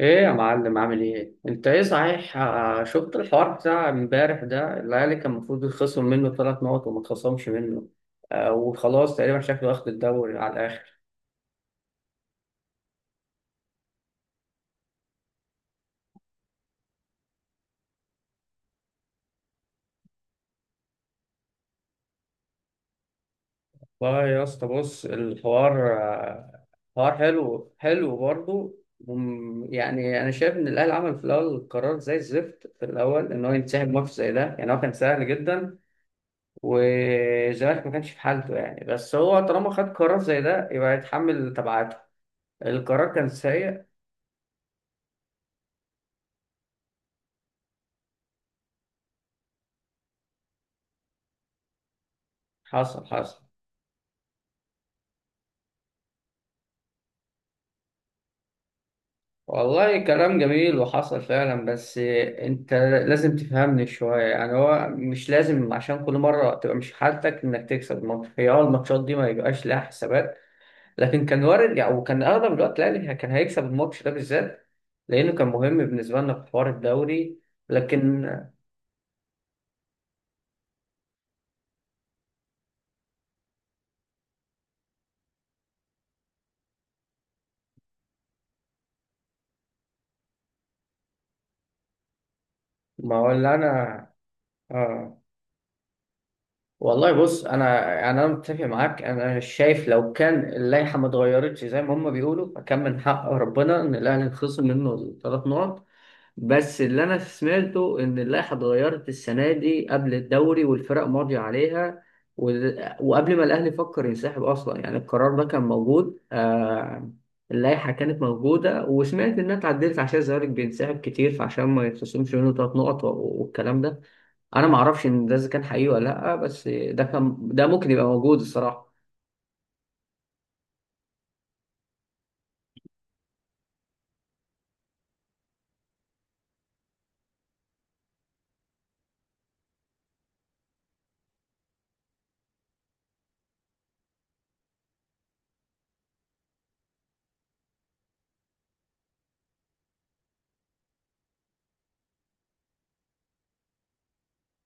ايه يا معلم؟ عامل ايه انت؟ ايه صحيح. شفت الحوار بتاع امبارح ده؟ الاهلي كان المفروض يتخصم منه ثلاث نقط وما اتخصمش منه. آه وخلاص تقريبا شكله واخد الدوري على الاخر. والله يا اسطى بص الحوار حوار حلو حلو برضه. يعني انا شايف ان الاهلي عمل في الاول قرار زي الزفت، في الاول ان هو ينسحب ماتش زي ده يعني هو كان سهل جدا. والزمالك ما كانش في حالته يعني، بس هو طالما خد قرار زي ده يبقى يتحمل تبعاته. القرار كان سيء. حصل حصل. والله كلام جميل وحصل فعلا، بس انت لازم تفهمني شوية يعني. هو مش لازم عشان كل مرة تبقى مش حالتك انك تكسب الماتش، هي اه الماتشات دي ما يبقاش لها حسابات. لكن كان وارد يعني، وكان اغلب الوقت الاهلي كان هيكسب الماتش ده بالذات لانه كان مهم بالنسبة لنا في حوار الدوري. لكن ما ولا انا. اه والله بص، انا يعني انا متفق معاك، انا شايف لو كان اللائحه ما اتغيرتش زي ما هم بيقولوا فكان من حق ربنا ان الاهلي يتخصم منه الثلاث نقط. بس اللي انا سمعته ان اللائحه اتغيرت السنه دي قبل الدوري والفرق ماضيه عليها و... وقبل ما الاهلي فكر ينسحب اصلا يعني القرار ده كان موجود. اللائحه كانت موجوده وسمعت انها اتعدلت عشان الزمالك بينسحب كتير فعشان ما يتخصمش منه ثلاث نقط والكلام ده. انا ما اعرفش ان ده اذا كان حقيقي ولا لا، بس ده كان ده ممكن يبقى موجود الصراحه.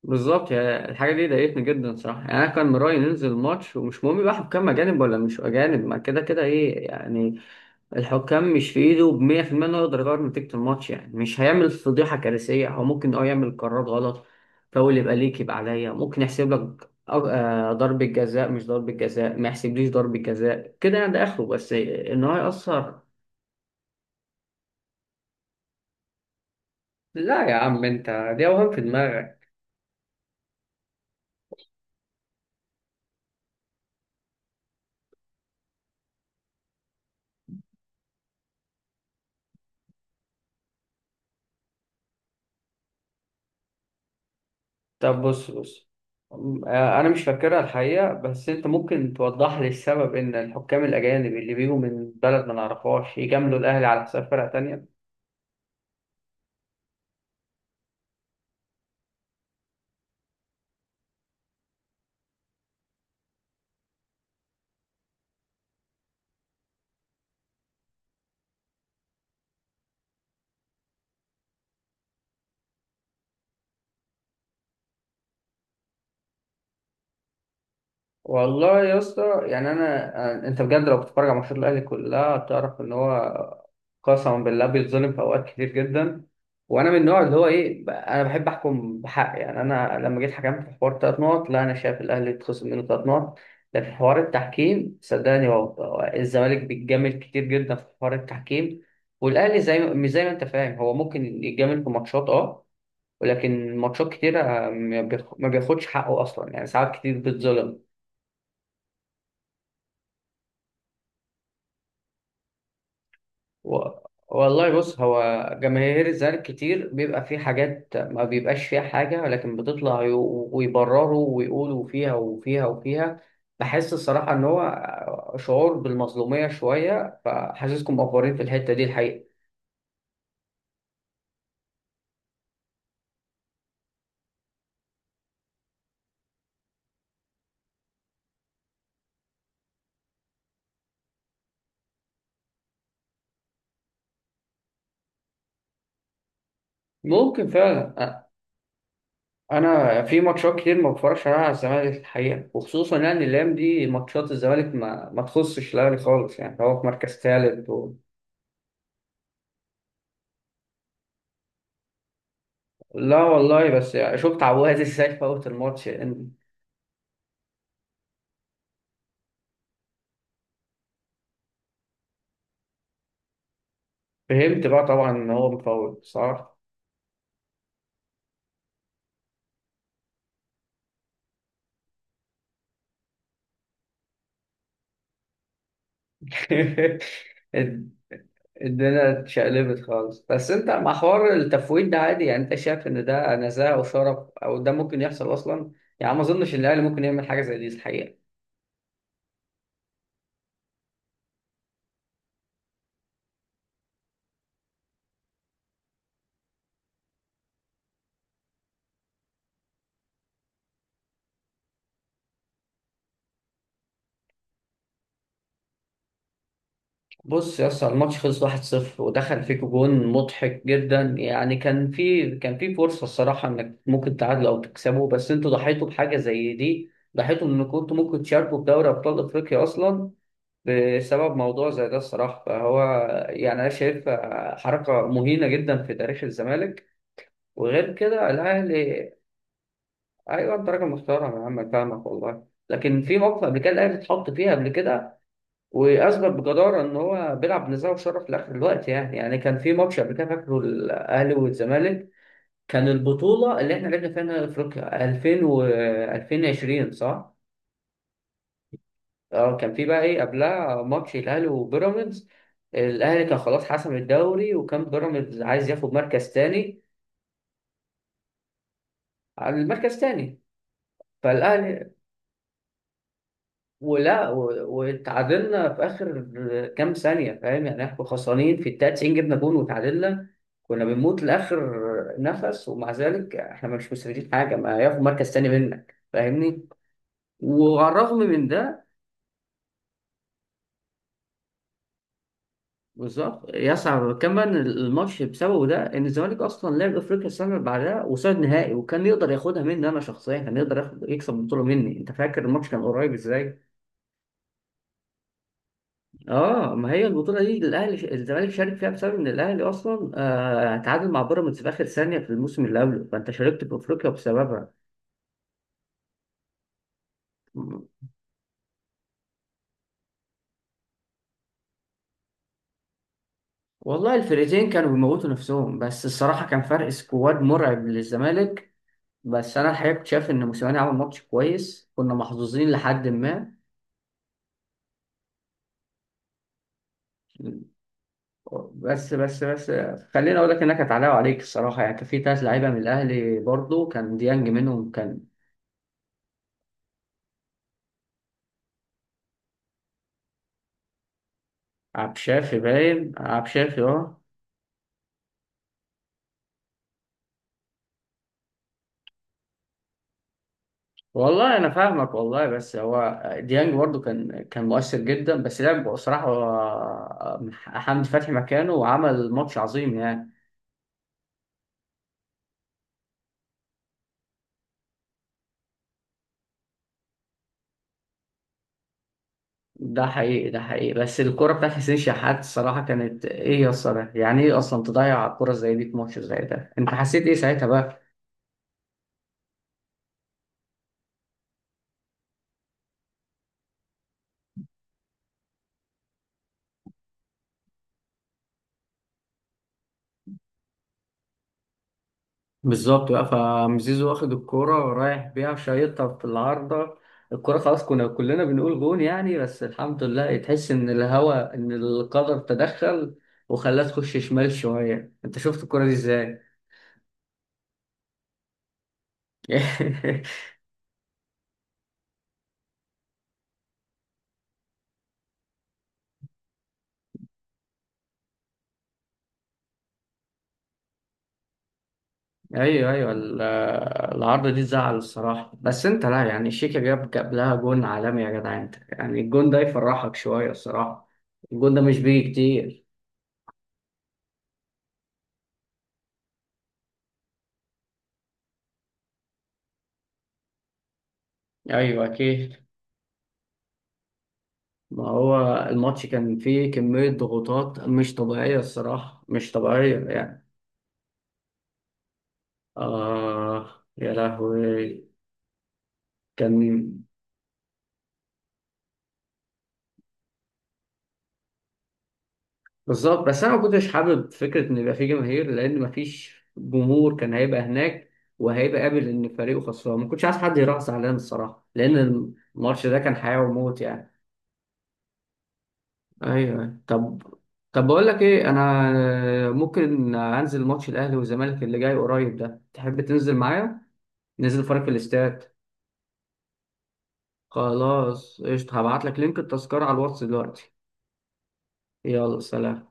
الحاجه دي ضايقتني جدا صراحه يعني، انا كان من رايي ننزل الماتش ومش مهم بقى حكام اجانب ولا مش اجانب، ما كده كده ايه يعني. الحكام مش في ايده ب 100% انه يقدر يغير نتيجه الماتش يعني، مش هيعمل فضيحه كارثيه، هو ممكن اه يعمل قرار غلط. فاول يبقى ليك يبقى عليا، ممكن يحسب لك ضربة جزاء مش ضربة جزاء، ما يحسبليش ضربة جزاء كده يعني، ده اخره بس ان هو يأثر. لا يا عم انت دي اوهام في دماغك. طب بص بص. انا مش فاكرها الحقيقه، بس انت ممكن توضح لي السبب ان الحكام الاجانب اللي بيجوا من بلد ما نعرفهاش يجاملوا الاهلي على حساب فرقه تانية؟ والله يا اسطى يعني انا، انت بجد لو بتتفرج على ماتشات الاهلي كلها هتعرف ان هو قسما بالله بيتظلم في اوقات كتير جدا. وانا من النوع اللي هو ايه، انا بحب احكم بحق يعني. انا لما جيت حكمت في حوار ثلاث نقط، لا انا شايف الاهلي اتخصم منه ثلاث نقط. لكن حوار التحكيم صدقني، هو الزمالك بيتجامل كتير جدا في حوار التحكيم. والاهلي زي ما، مش زي ما انت فاهم، هو ممكن يتجامل في ماتشات اه، ولكن ماتشات كتيرة ما بياخدش حقه اصلا يعني، ساعات كتير بيتظلم. و... والله بص، هو جماهير الزمالك كتير بيبقى في حاجات ما بيبقاش فيها حاجة ولكن بتطلع ويبرروا ويقولوا فيها وفيها وفيها. بحس الصراحة إن هو شعور بالمظلومية شوية، فحاسسكم مقفورين في الحتة دي الحقيقة. ممكن فعلا. أ- أنا في ماتشات كتير ما بتفرجش عليها على الزمالك الحقيقة، وخصوصا يعني الأيام دي ماتشات الزمالك ما تخصش الأهلي خالص يعني، هو في مركز تالت لا والله، بس يعني شفت عواد ازاي فوت الماتش يعني. فهمت بقى طبعا ان هو مفوت صح. الد- الدنيا اتشقلبت خالص. بس انت مع حوار التفويت ده عادي يعني؟ انت شايف ان ده نزاهه وشرف او ده ممكن يحصل اصلا؟ يعني ما اظنش ان الاهلي ممكن يعمل حاجه زي دي الحقيقه. بص يا اسطى، الماتش خلص 1-0 ودخل فيك جون مضحك جدا يعني، كان في كان في فرصه الصراحه انك ممكن تعادلوا او تكسبوا، بس انتوا ضحيتوا بحاجه زي دي. ضحيتوا ان كنتوا ممكن تشاركوا في دوري ابطال افريقيا اصلا بسبب موضوع زي ده الصراحة. فهو يعني أنا شايف حركة مهينة جدا في تاريخ الزمالك. وغير كده الأهلي، أيوه أنت راجل محترم يا عم، أنا فاهمك والله، لكن في موقف قبل كده الأهلي اتحط فيها قبل كده وأثبت بجدارة إن هو بيلعب بنزاهة وشرف لآخر الوقت يعني. يعني كان في ماتش قبل كده فاكره، الأهلي والزمالك، كان البطولة اللي إحنا لعبنا فيها نهائي أفريقيا 2000 و 2020 صح؟ اه كان في بقى ايه قبلها، ماتش الاهلي وبيراميدز، الاهلي كان خلاص حسم الدوري وكان بيراميدز عايز ياخد مركز تاني. على المركز تاني فالاهلي واتعادلنا في اخر كام ثانيه فاهم يعني، احنا خسرانين في الدقيقه 90 جبنا جون وتعادلنا، كنا بنموت لاخر نفس، ومع ذلك احنا مش مستفيدين حاجه، ما ياخد مركز تاني منك فاهمني، وعلى الرغم من ده بالظبط يصعب كمان الماتش بسببه ده، ان الزمالك اصلا لعب افريقيا السنه اللي بعدها وصعد نهائي وكان يقدر ياخدها مني انا شخصيا، كان يقدر ياخد يكسب البطوله مني، انت فاكر الماتش كان قريب ازاي. اه ما هي البطوله دي الاهلي الزمالك شارك فيها بسبب ان الاهلي اصلا آه تعادل مع بيراميدز في اخر ثانيه في الموسم اللي قبله، فانت شاركت في افريقيا بسببها. والله الفرقتين كانوا بيموتوا نفسهم، بس الصراحه كان فرق سكواد مرعب للزمالك. بس انا الحقيقه كنت شايف ان موسيماني عمل ماتش كويس كنا محظوظين لحد ما. بس بس بس، خليني اقول لك انها كانت علاء عليك الصراحه، يعني كان في ثلاث لعيبه من الاهلي برضو، كان ديانج منهم، كان عبد شافي باين، عبد شافي اه. والله انا فاهمك والله، بس هو ديانج برضو كان مؤثر جدا، بس لعب بصراحه حمدي فتحي مكانه وعمل ماتش عظيم يعني. ده حقيقي ده حقيقي، بس الكرة بتاعت حسين شحات الصراحة كانت ايه يا اسطى ده؟ يعني ايه اصلا تضيع كرة زي دي في ماتش زي ده؟ انت حسيت ايه ساعتها بقى؟ بالظبط بقى، فمزيزو واخد الكورة ورايح بيها شايطها في العارضة. الكورة خلاص كنا كلنا بنقول جون يعني، بس الحمد لله تحس إن الهوا، إن القدر تدخل وخلاها تخش شمال شوية. أنت شفت الكورة دي إزاي؟ أيوه أيوه العارضة دي تزعل الصراحة، بس أنت لا يعني، شيكا جاب لها جون عالمي يا جدع، أنت يعني الجون ده يفرحك شوية الصراحة، الجون ده مش بيجي كتير. أيوه أكيد. ما هو الماتش كان فيه كمية ضغوطات مش طبيعية الصراحة، مش طبيعية يعني. آه يا لهوي. كان بالظبط، بس أنا ما كنتش حابب فكرة إن يبقى فيه جماهير، لأن ما فيش جمهور كان هيبقى هناك وهيبقى قابل إن فريقه خسران، ما كنتش عايز حد يروح زعلان الصراحة لأن الماتش ده كان حياة وموت يعني. أيوه طب، طب بقول لك إيه، أنا ممكن أنزل ماتش الأهلي والزمالك اللي جاي قريب ده، تحب تنزل معايا؟ ننزل فرق الاستاد. خلاص قشطة، هبعت لك لينك التذكرة على الواتس دلوقتي. يلا سلام.